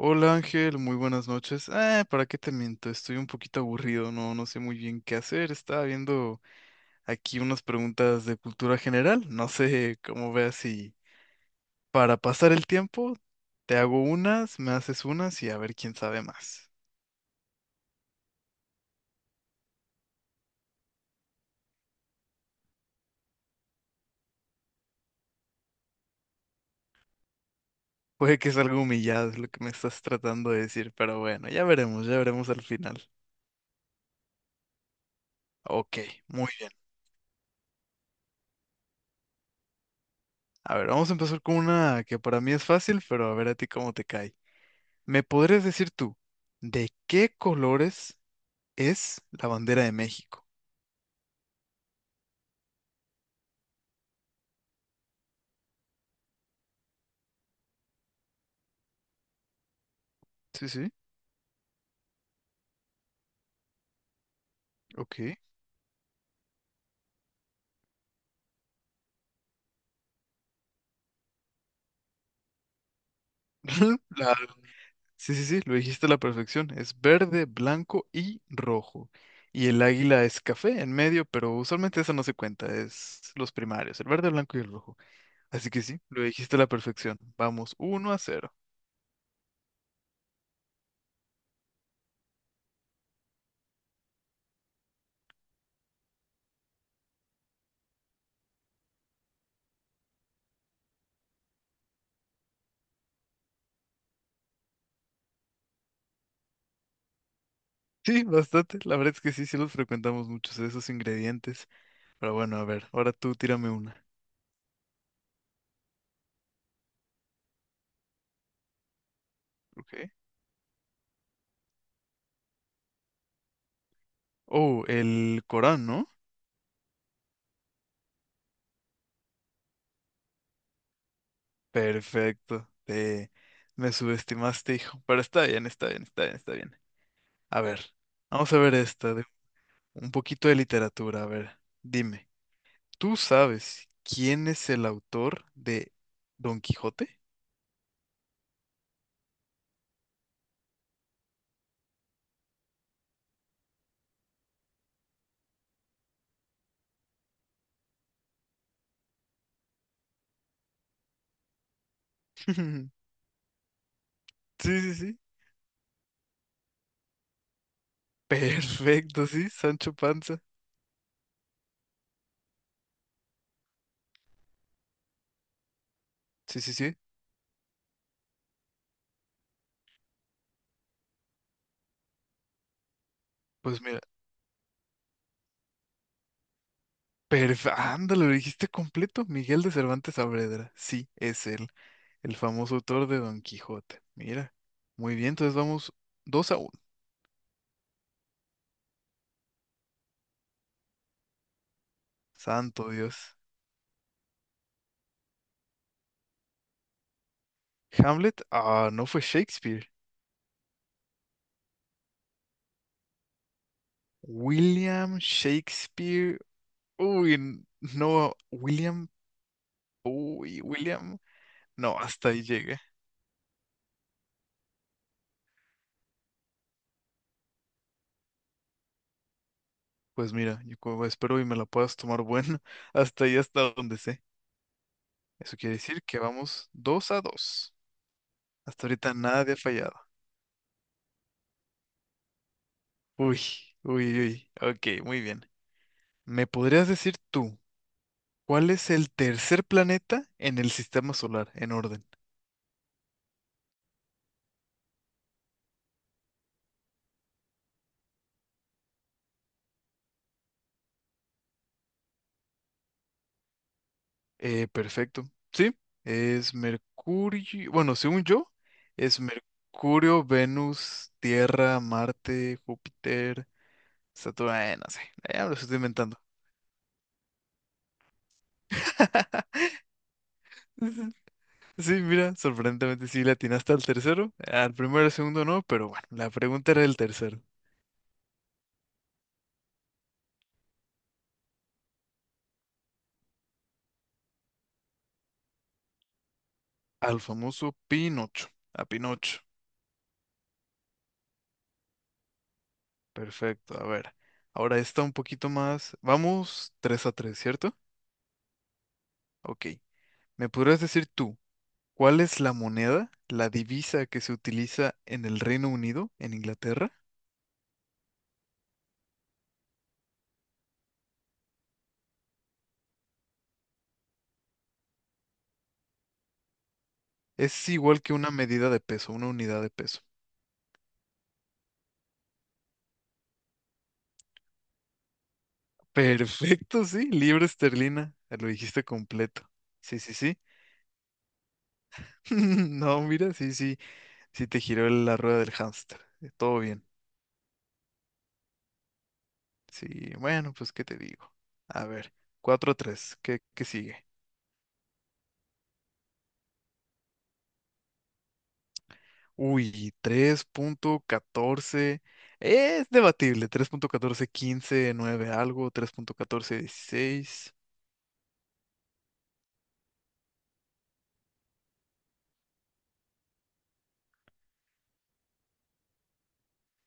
Hola Ángel, muy buenas noches. Ah, ¿para qué te miento? Estoy un poquito aburrido, no, no sé muy bien qué hacer. Estaba viendo aquí unas preguntas de cultura general. No sé cómo veas si para pasar el tiempo te hago unas, me haces unas y a ver quién sabe más. Puede que es algo humillado es lo que me estás tratando de decir, pero bueno, ya veremos al final. Ok, muy bien. A ver, vamos a empezar con una que para mí es fácil, pero a ver a ti cómo te cae. ¿Me podrías decir tú de qué colores? Es la bandera de México. Sí, sí, ok. La- sí, sí, sí, lo dijiste a la perfección. Es verde, blanco y rojo. Y el águila es café en medio, pero usualmente eso no se cuenta, es los primarios, el verde, blanco y el rojo. Así que sí, lo dijiste a la perfección. Vamos, 1-0. Sí, bastante. La verdad es que sí, sí los frecuentamos muchos de esos ingredientes. Pero bueno, a ver, ahora tú tírame una. Ok. Oh, el Corán, ¿no? Perfecto. Me subestimaste, hijo. Pero está bien, está bien, está bien, está bien. A ver, vamos a ver esta, de un poquito de literatura. A ver, dime, ¿tú sabes quién es el autor de Don Quijote? Sí, sí, sí. Perfecto, sí, Sancho Panza. Sí, sí, sí. Pues mira, perfecto. Ándale, lo dijiste completo. Miguel de Cervantes Saavedra. Sí, es él. El famoso autor de Don Quijote. Mira. Muy bien, entonces vamos 2-1. Santo Dios. Hamlet. Ah, no fue Shakespeare. William Shakespeare. Uy, no. William. Uy, William. No, hasta ahí llegué. Pues mira, yo como espero y me la puedas tomar bueno. Hasta ahí, hasta donde sé. Eso quiere decir que vamos 2-2. Hasta ahorita nadie ha fallado. Uy, uy, uy. Ok, muy bien. ¿Me podrías decir tú? ¿Cuál es el tercer planeta en el sistema solar en orden? Perfecto. Sí, es Mercurio. Bueno, según yo, es Mercurio, Venus, Tierra, Marte, Júpiter, Saturno. No sé, ya me lo estoy inventando. Sí, mira, sorprendentemente sí le atinaste al tercero. Al primero y al segundo no, pero bueno, la pregunta era el tercero. Al famoso Pinocho. A Pinocho. Perfecto, a ver. Ahora está un poquito más. Vamos 3-3, ¿cierto? Ok. ¿Me podrías decir tú cuál es la moneda, la divisa que se utiliza en el Reino Unido, en Inglaterra? Es igual que una medida de peso, una unidad de peso. Perfecto, sí, libra esterlina. Lo dijiste completo. Sí, sí, sí. No, mira, sí, sí, sí te giró la rueda del hámster. Todo bien. Sí, bueno, pues, ¿qué te digo? A ver, 4-3, ¿qué sigue? Uy, 3.14. Es debatible. Tres punto catorce quince nueve algo. 3.14, 16.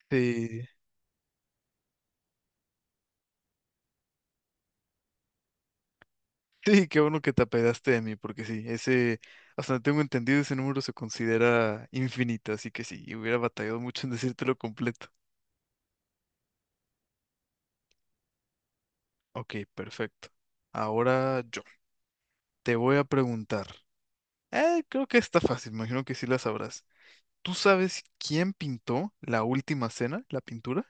Sí. Sí, qué bueno que te apedaste de mí, porque sí, ese, hasta donde tengo entendido, ese número se considera infinito, así que sí, hubiera batallado mucho en decírtelo completo. Ok, perfecto. Ahora yo te voy a preguntar. Creo que está fácil, me imagino que sí la sabrás. ¿Tú sabes quién pintó la última cena, la pintura?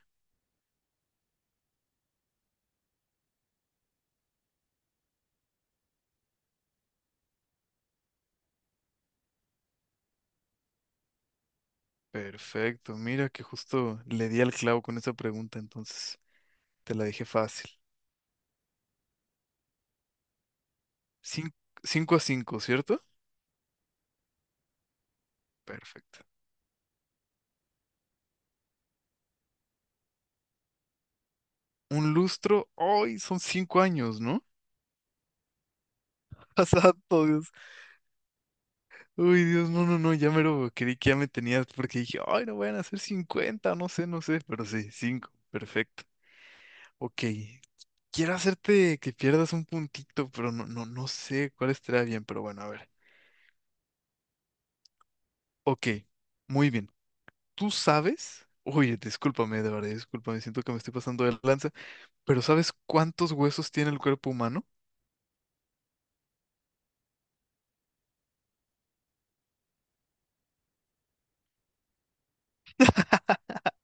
Perfecto, mira que justo le di al clavo con esa pregunta, entonces te la dejé fácil. Cin- 5-5, ¿cierto? Perfecto. Un lustro, hoy son 5 años, ¿no? Pasato, Dios. Uy, Dios, no, no, no, ya me lo creí que ya me tenías porque dije, ay, no van a ser 50, no sé, no sé, pero sí, 5, perfecto. Ok, quiero hacerte que pierdas un puntito, pero no, no, no sé cuál estará bien, pero bueno, a ver. Ok, muy bien. ¿Tú sabes? Oye, discúlpame, de verdad, discúlpame, siento que me estoy pasando de lanza, pero ¿sabes cuántos huesos tiene el cuerpo humano?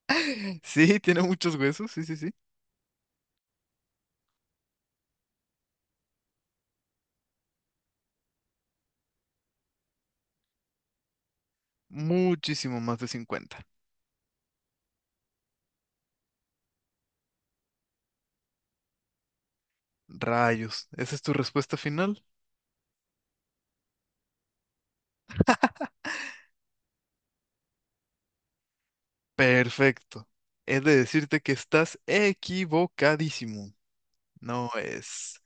Sí, tiene muchos huesos, sí, sí, sí. Muchísimo más de 50. Rayos, ¿esa es tu respuesta final? Perfecto. He de decirte que estás equivocadísimo. No es.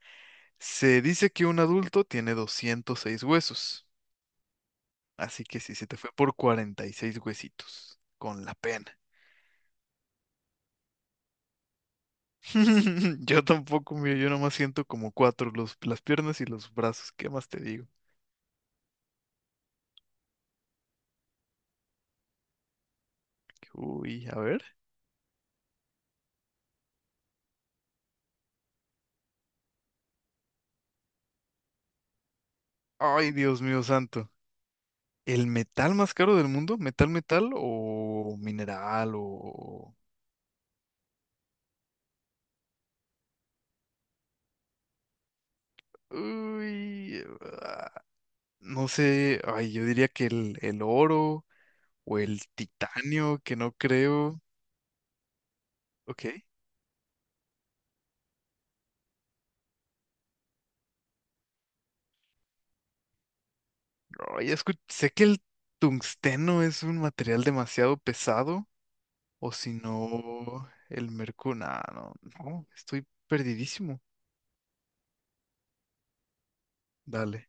Se dice que un adulto tiene 206 huesos, así que sí, se te fue por 46 huesitos, con la pena. Yo tampoco, mira, yo nomás siento como cuatro, las piernas y los brazos. ¿Qué más te digo? Uy, a ver. Ay, Dios mío santo. ¿El metal más caro del mundo? ¿Metal, metal o mineral o...? Uy, ah, no sé. Ay, yo diría que el oro o el titanio, que no creo. Ok. Ay, sé que el tungsteno es un material demasiado pesado. O si no, el mercurio. No, no, estoy perdidísimo. Dale.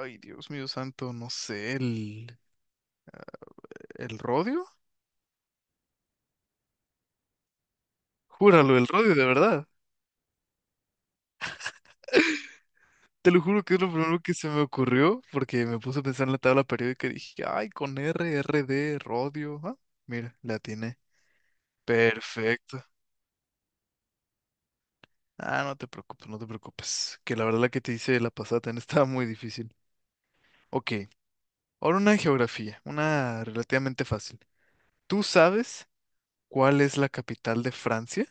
Ay, Dios mío santo, no sé, el rodio. Júralo, el rodio, de verdad. Te lo juro que es lo primero que se me ocurrió porque me puse a pensar en la tabla periódica y dije, ay, con R, r d rodio. Ah, mira, la tiene. Perfecto. Ah, no te preocupes, no te preocupes. Que la verdad la que te hice la pasada también estaba muy difícil. Ok, ahora una geografía, una relativamente fácil. ¿Tú sabes? ¿Cuál es la capital de Francia?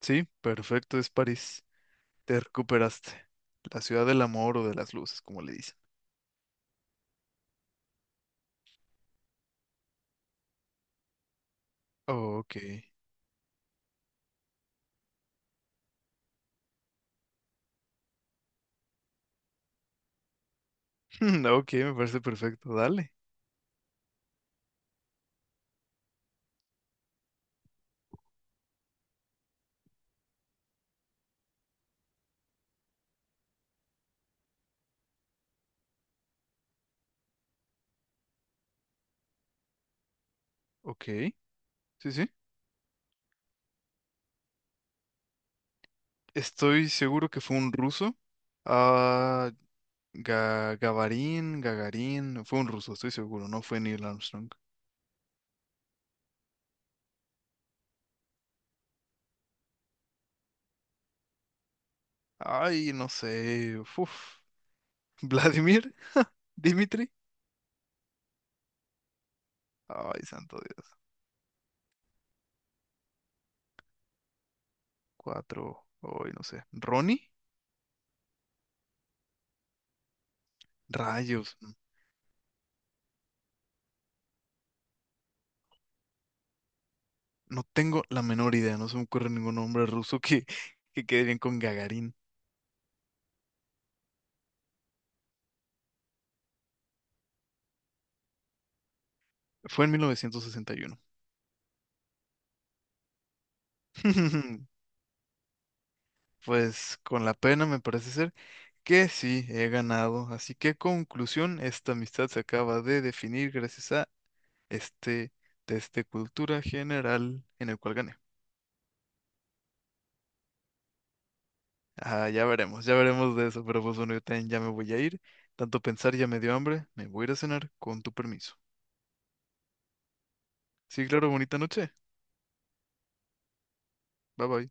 Sí, perfecto, es París. Te recuperaste. La ciudad del amor o de las luces, como le dicen. Ok. Ok, me parece perfecto. Dale. Ok. Sí, sí. Estoy seguro que fue un ruso. Ah, Gagarin. Fue un ruso, estoy seguro. No fue Neil Armstrong. Ay, no sé. Uf. Vladimir, Dimitri. Ay, santo Dios. Cuatro. Ay, no sé. Ronnie. Rayos. No tengo la menor idea, no se me ocurre ningún nombre ruso que, quede bien con Gagarin. Fue en 1961. Pues con la pena me parece ser que sí, he ganado. Así que conclusión, esta amistad se acaba de definir gracias a este test de cultura general en el cual gané. Ah, ya veremos de eso, pero pues bueno, yo también ya me voy a ir. Tanto pensar ya me dio hambre, me voy a ir a cenar con tu permiso. Sí, claro, bonita noche. Bye bye.